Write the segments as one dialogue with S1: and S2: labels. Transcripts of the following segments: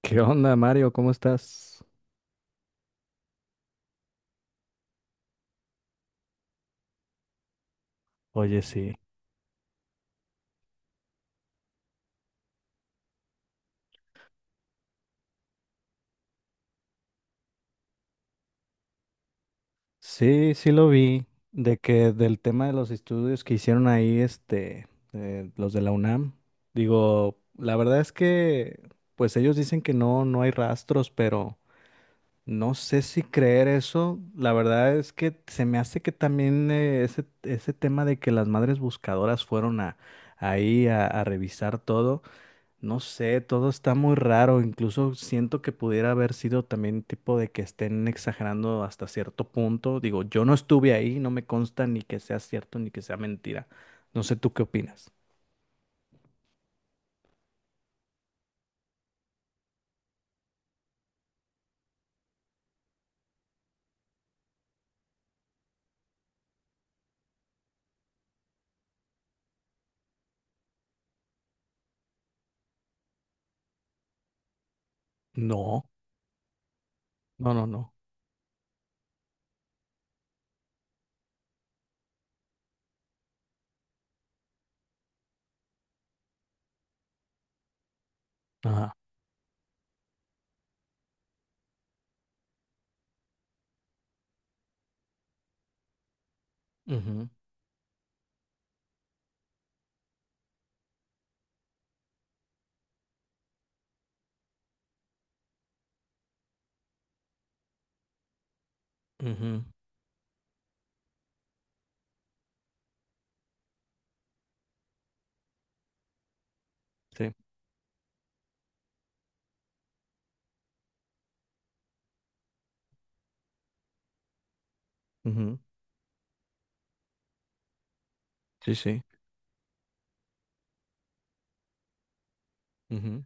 S1: ¿Qué onda, Mario? ¿Cómo estás? Oye, sí. Sí, sí lo vi, de que del tema de los estudios que hicieron ahí, los de la UNAM. Digo, la verdad es que, pues ellos dicen que no, no hay rastros, pero no sé si creer eso. La verdad es que se me hace que también ese tema de que las madres buscadoras fueron a, ahí a revisar todo. No sé, todo está muy raro. Incluso siento que pudiera haber sido también tipo de que estén exagerando hasta cierto punto. Digo, yo no estuve ahí, no me consta ni que sea cierto ni que sea mentira. No sé tú qué opinas. No, no, no, no. Ajá. Ujú, ujú, sí. Ujú, sí, sí. Ujú,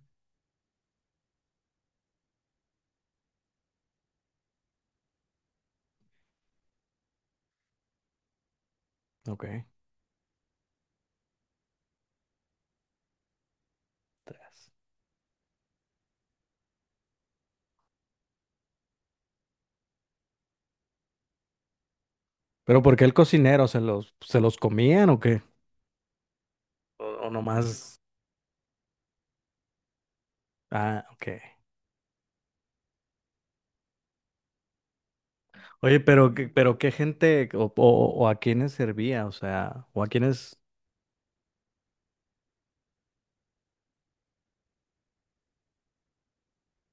S1: ok. Tras. ¿Pero por qué el cocinero se los comían o qué? O nomás. Ah, ok. Oye, pero, pero qué gente o, o a quiénes servía, o sea, o a quiénes.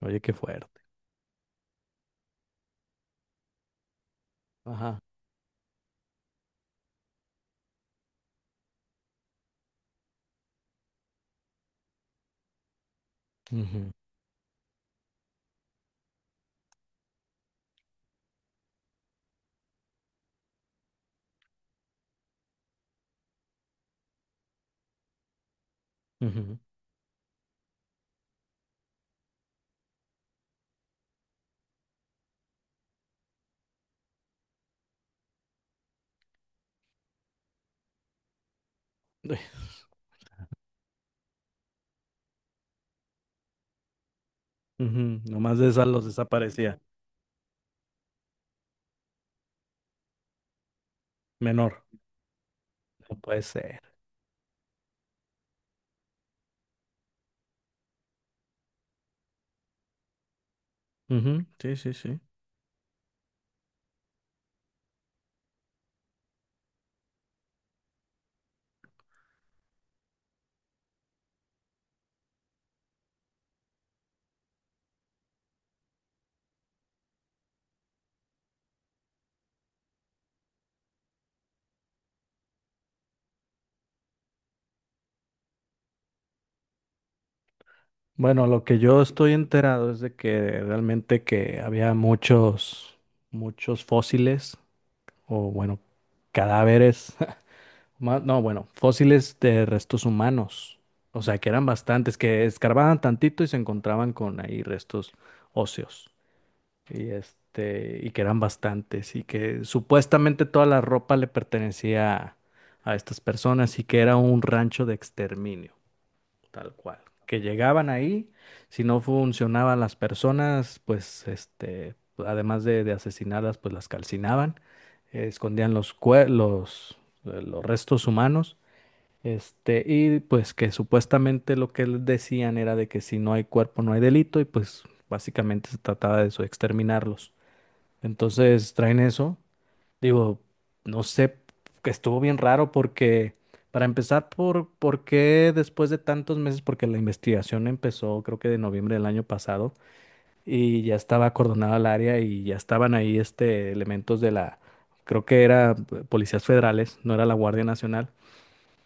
S1: Oye, qué fuerte. Ajá. Ujú, ujú. Ujú, nomás de esas los desaparecía. Menor. No puede ser. Ujú, sí, sí, sí. Bueno, lo que yo estoy enterado es de que realmente que había muchos, muchos fósiles o bueno, cadáveres. No, bueno, fósiles de restos humanos. O sea, que eran bastantes, que escarbaban tantito y se encontraban con ahí restos óseos. Y este, y que eran bastantes. Y que supuestamente toda la ropa le pertenecía a estas personas y que era un rancho de exterminio, tal cual. Que llegaban ahí, si no funcionaban las personas, pues este, además de asesinarlas, pues las calcinaban, escondían los, los restos humanos. Este, y pues que supuestamente lo que les decían era de que si no hay cuerpo no hay delito y pues básicamente se trataba de eso, exterminarlos. Entonces traen eso. Digo, no sé, que estuvo bien raro porque, para empezar, ¿por qué después de tantos meses? Porque la investigación empezó creo que de noviembre del año pasado y ya estaba acordonada el área y ya estaban ahí este, elementos de la, creo que era policías federales, no era la Guardia Nacional.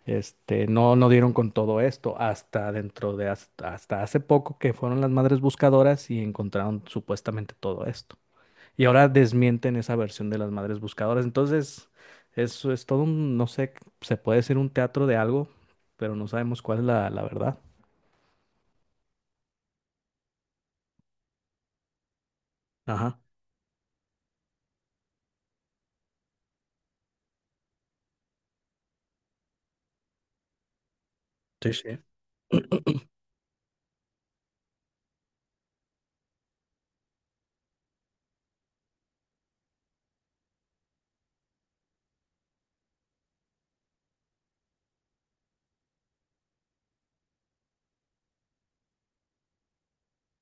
S1: Este, no, no dieron con todo esto hasta dentro de hasta, hasta hace poco que fueron las madres buscadoras y encontraron supuestamente todo esto. Y ahora desmienten esa versión de las madres buscadoras. Entonces, eso es todo un, no sé, se puede decir un teatro de algo, pero no sabemos cuál es la, la verdad. Ajá. Sí, sí.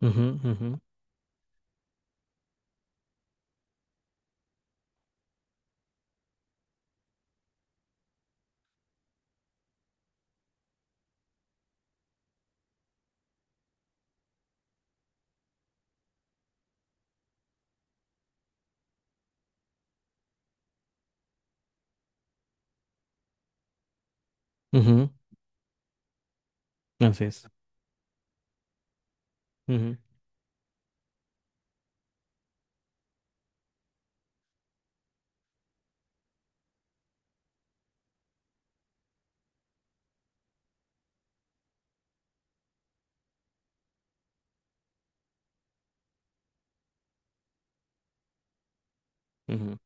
S1: Ujú, ujú, ujú, así es. Ujú, ujú,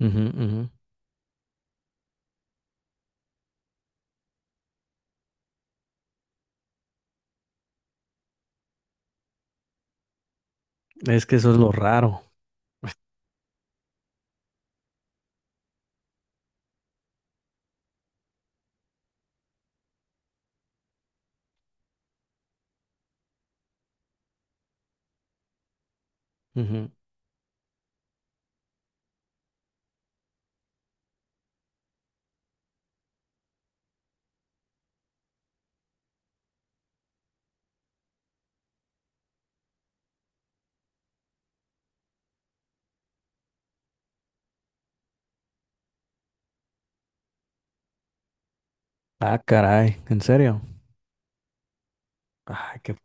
S1: ujú, ujú. Es que eso es lo raro. Ujú. Ah, caray, ¿en serio? Ay, qué...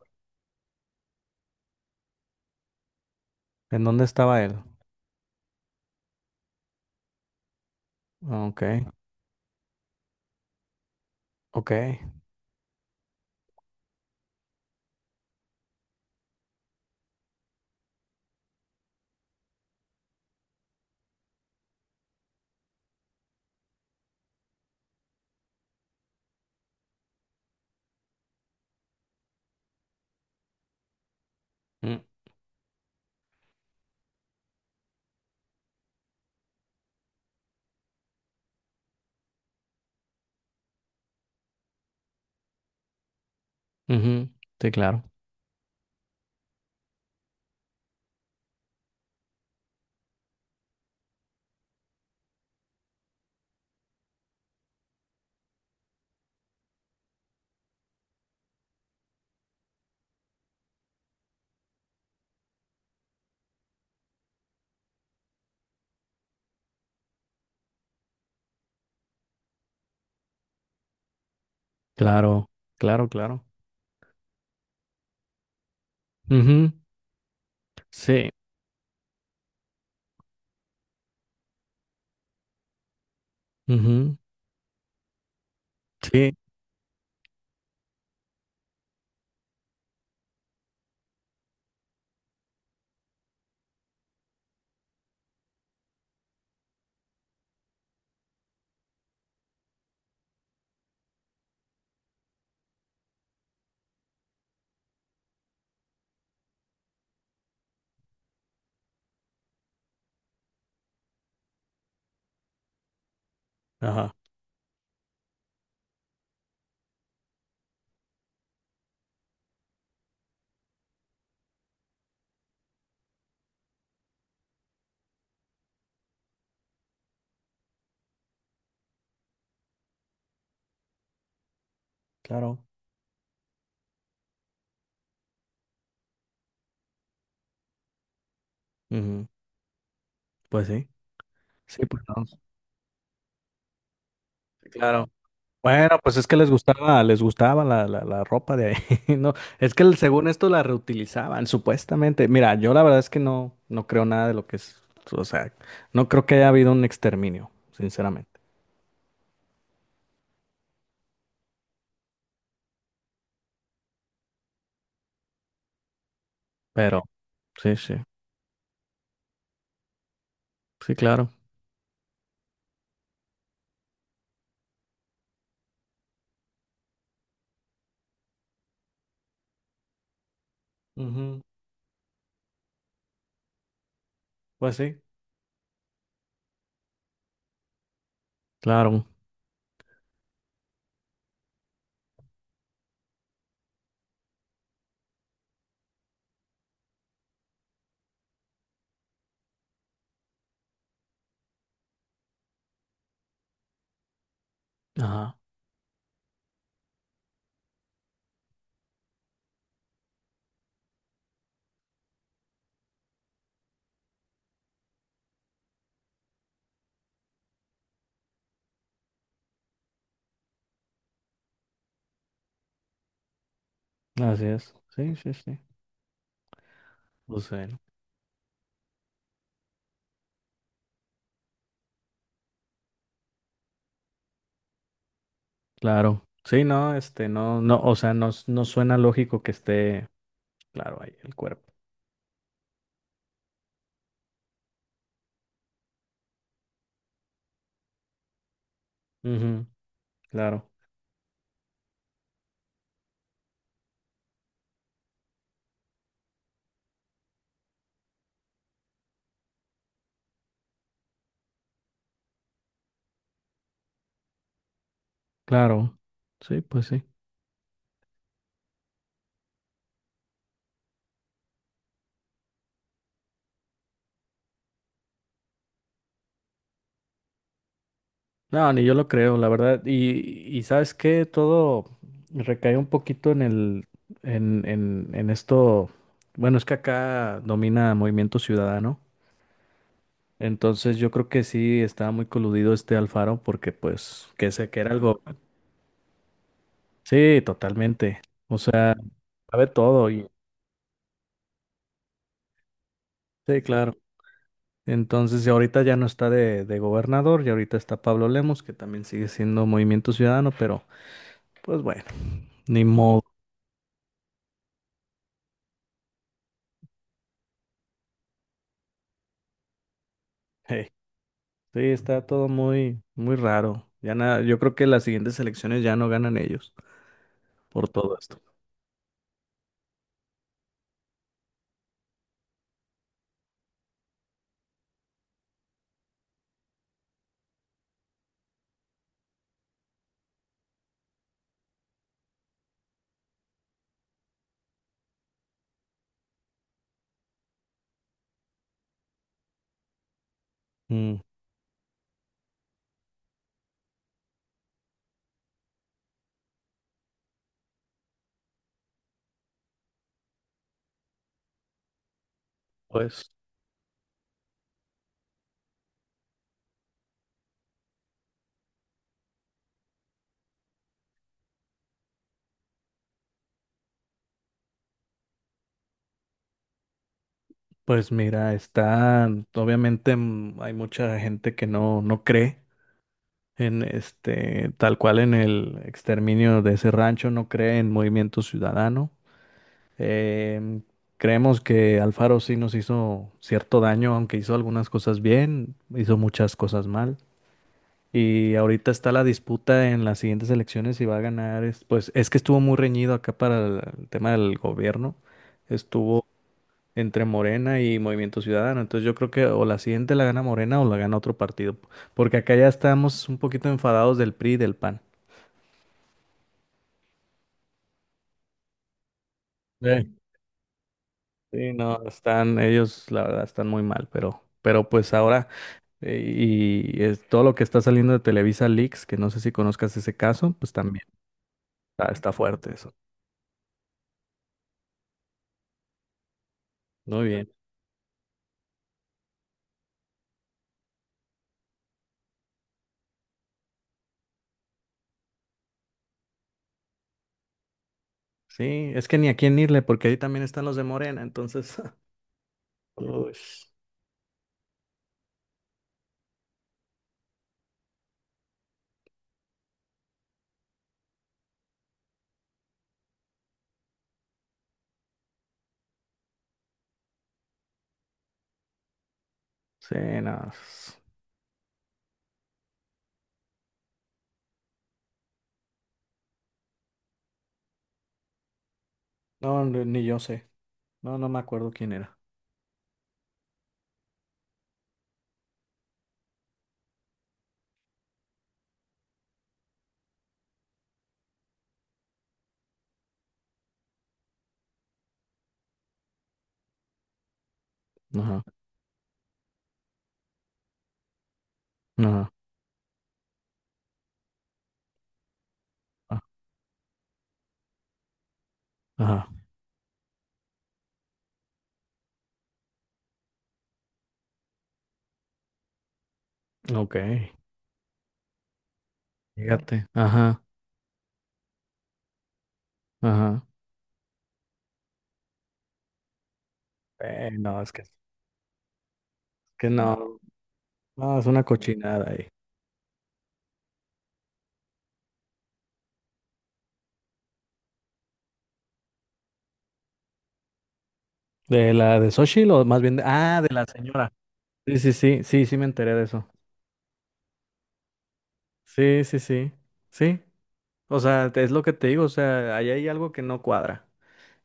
S1: ¿En dónde estaba él? Ok. Ok. Mm, ujú, sí, claro. Claro, claro, claro. Ujú, sí. Ujú, sí. Ajá. Claro. Ujú, pues sí. Sí, pues no, sí, claro. Bueno, pues es que les gustaba la, la, la ropa de ahí. No, es que según esto la reutilizaban, supuestamente. Mira, yo la verdad es que no, no creo nada de lo que es. O sea, no creo que haya habido un exterminio, sinceramente. Pero, sí, sí. Sí, claro. Ujú, pues sí. Claro. Ajá. Así es. Sí, sí, sí. Pues bueno, claro. Sí, no, este, no, no, o sea, no, no suena lógico que esté, claro, ahí el cuerpo. Ujú, claro, claro. Sí, pues sí. No, ni yo lo creo, la verdad. Y ¿sabes qué? Todo recae un poquito en el, en esto. Bueno, es que acá domina Movimiento Ciudadano. Entonces yo creo que sí estaba muy coludido este Alfaro porque pues que sé que era algo. Sí, totalmente. O sea, sabe todo, y sí, claro. Entonces, y ahorita ya no está de gobernador, y ahorita está Pablo Lemos, que también sigue siendo Movimiento Ciudadano, pero pues bueno, ni modo. Hey, sí, está todo muy, muy raro. Ya nada, yo creo que las siguientes elecciones ya no ganan ellos por todo esto. Mm, pues, pues mira, está, obviamente hay mucha gente que no, no cree en este, tal cual en el exterminio de ese rancho, no cree en Movimiento Ciudadano. Eh, creemos que Alfaro sí nos hizo cierto daño, aunque hizo algunas cosas bien, hizo muchas cosas mal. Y ahorita está la disputa en las siguientes elecciones si va a ganar. Pues es que estuvo muy reñido acá para el tema del gobierno. Estuvo entre Morena y Movimiento Ciudadano. Entonces yo creo que o la siguiente la gana Morena o la gana otro partido. Porque acá ya estamos un poquito enfadados del PRI y del PAN. Sí, no, están, ellos la verdad están muy mal, pero pues ahora, eh, y es todo lo que está saliendo de Televisa Leaks, que no sé si conozcas ese caso, pues también está, está fuerte eso. Muy bien. Sí, es que ni a quién irle, porque ahí también están los de Morena, entonces. Uy, sí, no, no, ni ni yo sé. No, no me acuerdo quién era. Ajá, ajá, ah, ajá, ok, fíjate, ajá, ajá. No, es que no, no, es una cochinada. ¿De la de Xochitl o más bien de... Ah, de la señora. Sí, sí, sí, sí, sí me enteré de eso. Sí, sí, sí, sí. O sea, es lo que te digo, o sea, ahí hay algo que no cuadra,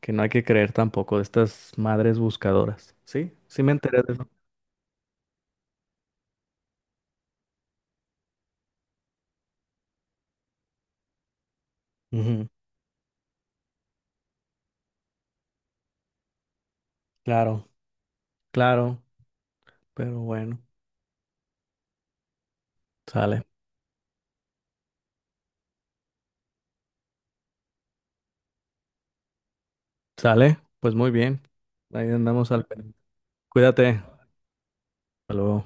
S1: que no hay que creer tampoco de estas madres buscadoras. Sí, sí me enteré de eso. Ujú, claro, claro, pero bueno, sale, sale, pues muy bien. Ahí andamos al... pendiente. Cuídate. Hasta luego.